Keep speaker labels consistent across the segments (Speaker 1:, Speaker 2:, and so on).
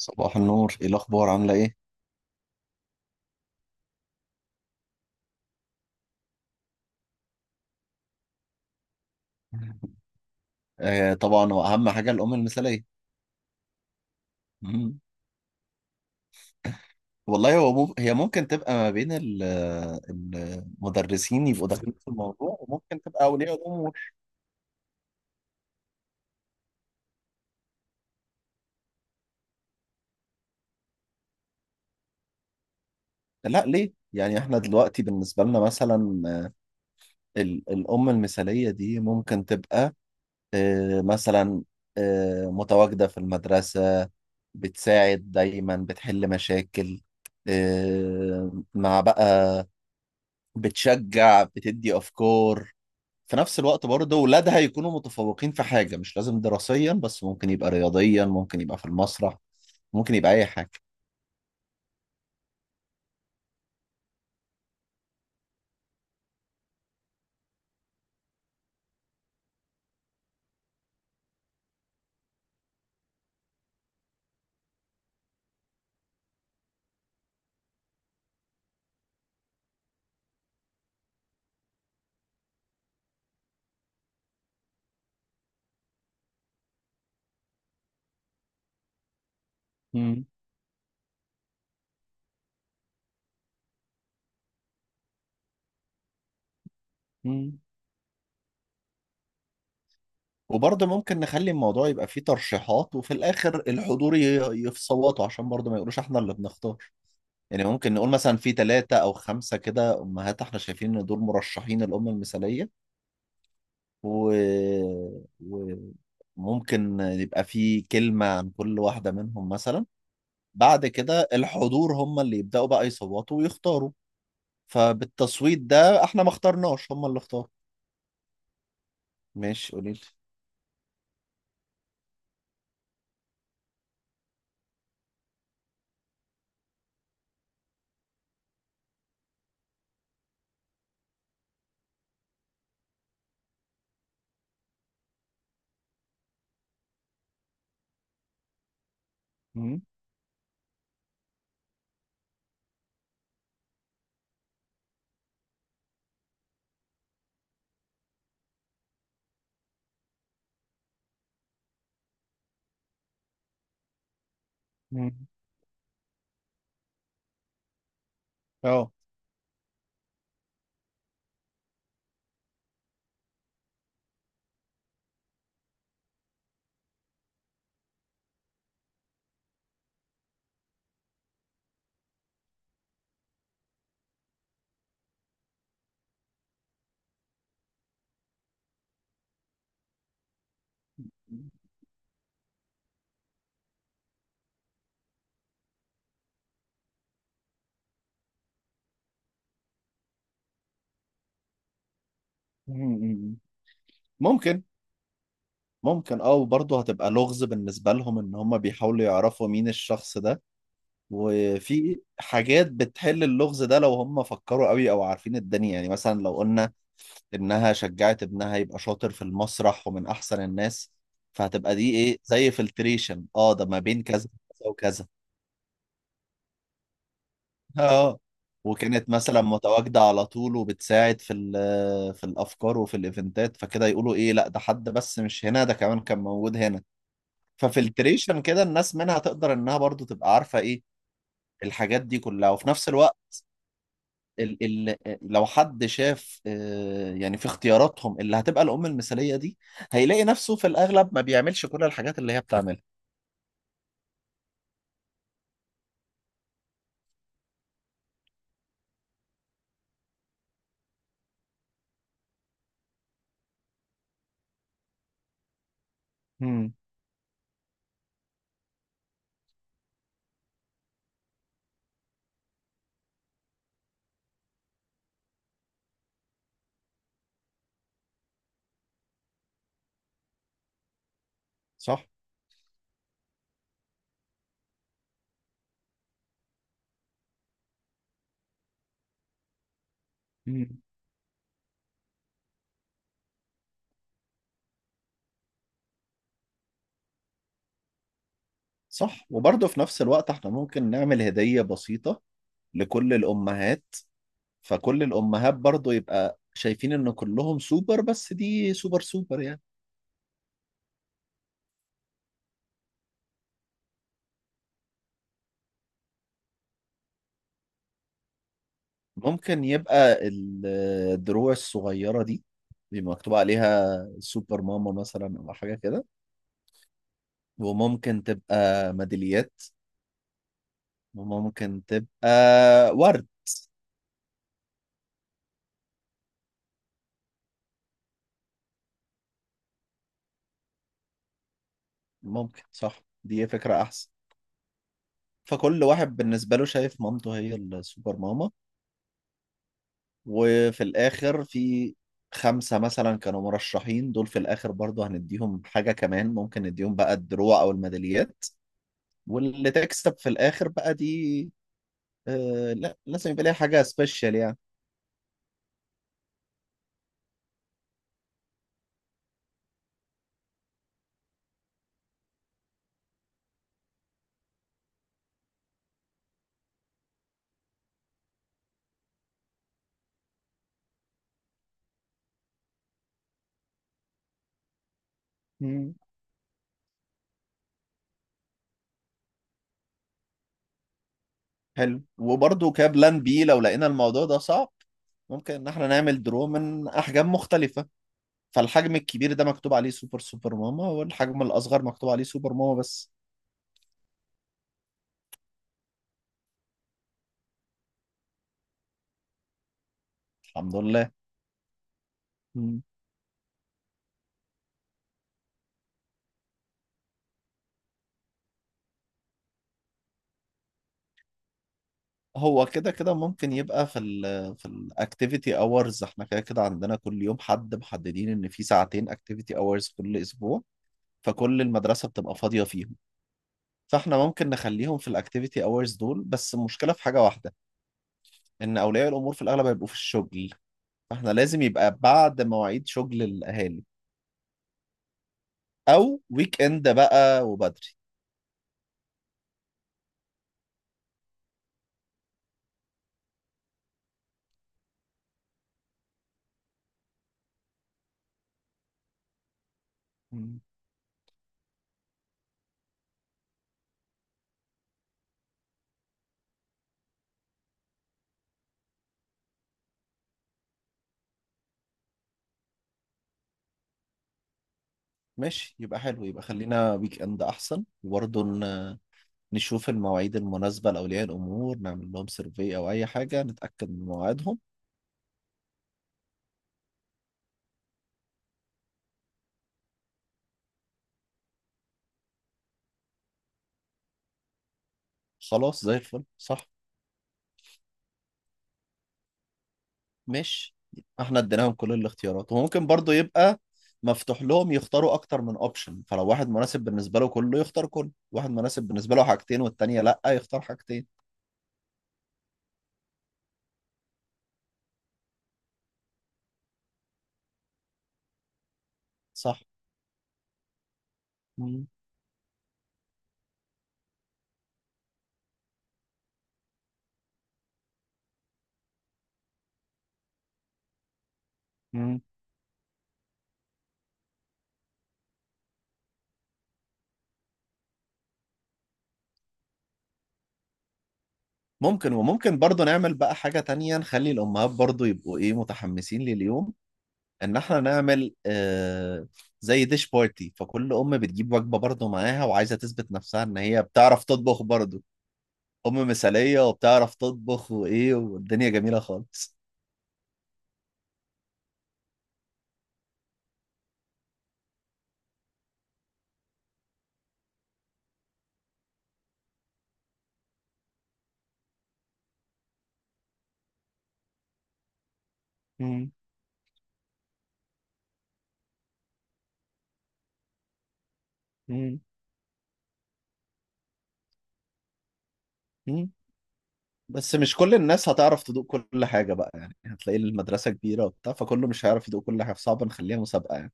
Speaker 1: صباح النور، ايه الاخبار؟ عامله ايه؟ طبعا هو اهم حاجه الام المثاليه. مم. والله، هي ممكن تبقى ما بين المدرسين يبقوا داخلين في الموضوع، وممكن تبقى اولياء الامور. لا، ليه؟ يعني احنا دلوقتي بالنسبه لنا مثلا، الام المثاليه دي ممكن تبقى مثلا، متواجده في المدرسه، بتساعد دايما، بتحل مشاكل، آه مع بقى بتشجع، بتدي افكار، في نفس الوقت برضه ولادها يكونوا متفوقين في حاجة، مش لازم دراسيا بس، ممكن يبقى رياضيا، ممكن يبقى في المسرح، ممكن يبقى أي حاجة. مم. مم. وبرضه ممكن نخلي الموضوع يبقى فيه ترشيحات، وفي الآخر الحضور يصوتوا عشان برضه ما يقولوش احنا اللي بنختار. يعني ممكن نقول مثلا في ثلاثة أو خمسة كده أمهات احنا شايفين إن دول مرشحين الأم المثالية، و... و... ممكن يبقى في كلمة عن كل واحدة منهم مثلا. بعد كده الحضور هم اللي يبدأوا بقى يصوتوا ويختاروا. فبالتصويت ده احنا ما اخترناش، هم اللي اختاروا. ماشي، قولي لي. مم. مم. اه. مم. ممكن. ممكن، وبرضه هتبقى لغز بالنسبة لهم ان هم بيحاولوا يعرفوا مين الشخص ده. وفي حاجات بتحل اللغز ده لو هم فكروا قوي او عارفين الدنيا، يعني مثلا لو قلنا انها شجعت ابنها يبقى شاطر في المسرح ومن احسن الناس، فهتبقى دي ايه زي فلتريشن، ده ما بين كذا وكذا وكذا. اه. وكانت مثلا متواجدة على طول وبتساعد في الافكار وفي الايفنتات، فكده يقولوا ايه، لا ده حد بس مش هنا، ده كمان كان موجود هنا. ففلتريشن كده الناس منها تقدر انها برضو تبقى عارفة ايه الحاجات دي كلها، وفي نفس الوقت ال ال لو حد شاف، يعني في اختياراتهم اللي هتبقى الأم المثالية دي، هيلاقي نفسه في الأغلب ما بيعملش كل الحاجات اللي هي بتعملها. مم. صح؟ مم. صح، وبرضه في نفس الوقت احنا ممكن نعمل هدية بسيطة لكل الأمهات، فكل الأمهات برضه يبقى شايفين إن كلهم سوبر، بس دي سوبر سوبر يعني. ممكن يبقى الدروع الصغيرة دي بيبقى مكتوب عليها سوبر ماما مثلا أو حاجة كده. وممكن تبقى ميداليات. وممكن تبقى ورد. ممكن، صح، دي فكرة أحسن. فكل واحد بالنسبة له شايف مامته هي السوبر ماما، وفي الآخر في خمسة مثلا كانوا مرشحين، دول في الآخر برضه هنديهم حاجة كمان، ممكن نديهم بقى الدروع أو الميداليات، واللي تكسب في الآخر بقى دي لا، لازم يبقى ليها حاجة سبيشال يعني. مم. حلو، وبرضه كبلان بي لو لقينا الموضوع ده صعب، ممكن ان احنا نعمل درو من احجام مختلفة، فالحجم الكبير ده مكتوب عليه سوبر سوبر ماما، والحجم الاصغر مكتوب عليه سوبر ماما بس. الحمد لله. مم. هو كده كده ممكن يبقى في الاكتيفيتي اورز، احنا كده كده عندنا كل يوم حد محددين ان في ساعتين اكتيفيتي اورز كل اسبوع، فكل المدرسة بتبقى فاضية فيهم. فاحنا ممكن نخليهم في الاكتيفيتي اورز دول، بس المشكلة في حاجة واحدة، ان اولياء الامور في الاغلب هيبقوا في الشغل، فاحنا لازم يبقى بعد مواعيد شغل الاهالي، او ويك اند بقى وبدري. مم. ماشي، يبقى حلو، يبقى خلينا ويك اند احسن، وبرضه نشوف المواعيد المناسبة لأولياء الأمور، نعمل لهم سيرفي أو أي حاجة نتأكد من مواعيدهم. خلاص، زي الفل، صح. ماشي. احنا اديناهم كل الاختيارات، وممكن برضه يبقى مفتوح لهم يختاروا أكتر من أوبشن، فلو واحد مناسب بالنسبة له كله يختار كله، واحد مناسب بالنسبة له حاجتين والتانية لأ يختار حاجتين. صح. مم. مم. ممكن، وممكن برضو نعمل بقى حاجة تانية، نخلي الأمهات برضو يبقوا إيه متحمسين لليوم، إن إحنا نعمل زي ديش بارتي، فكل أم بتجيب وجبة برضو معاها وعايزة تثبت نفسها إن هي بتعرف تطبخ برضو، أم مثالية وبتعرف تطبخ وإيه، والدنيا جميلة خالص. مم. مم. مم. بس مش كل الناس هتعرف تدوق كل حاجة بقى يعني، هتلاقي المدرسة كبيرة وبتاع، فكله مش هيعرف يدوق كل حاجة، فصعب نخليها مسابقة يعني.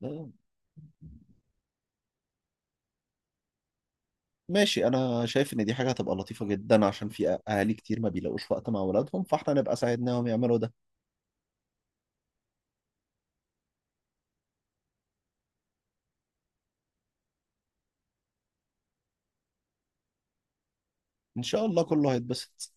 Speaker 1: مم. ماشي، انا شايف ان دي حاجه هتبقى لطيفه جدا، عشان في اهالي كتير ما بيلاقوش وقت مع اولادهم، فاحنا نبقى ساعدناهم يعملوا ده. ان شاء الله كله هيتبسط.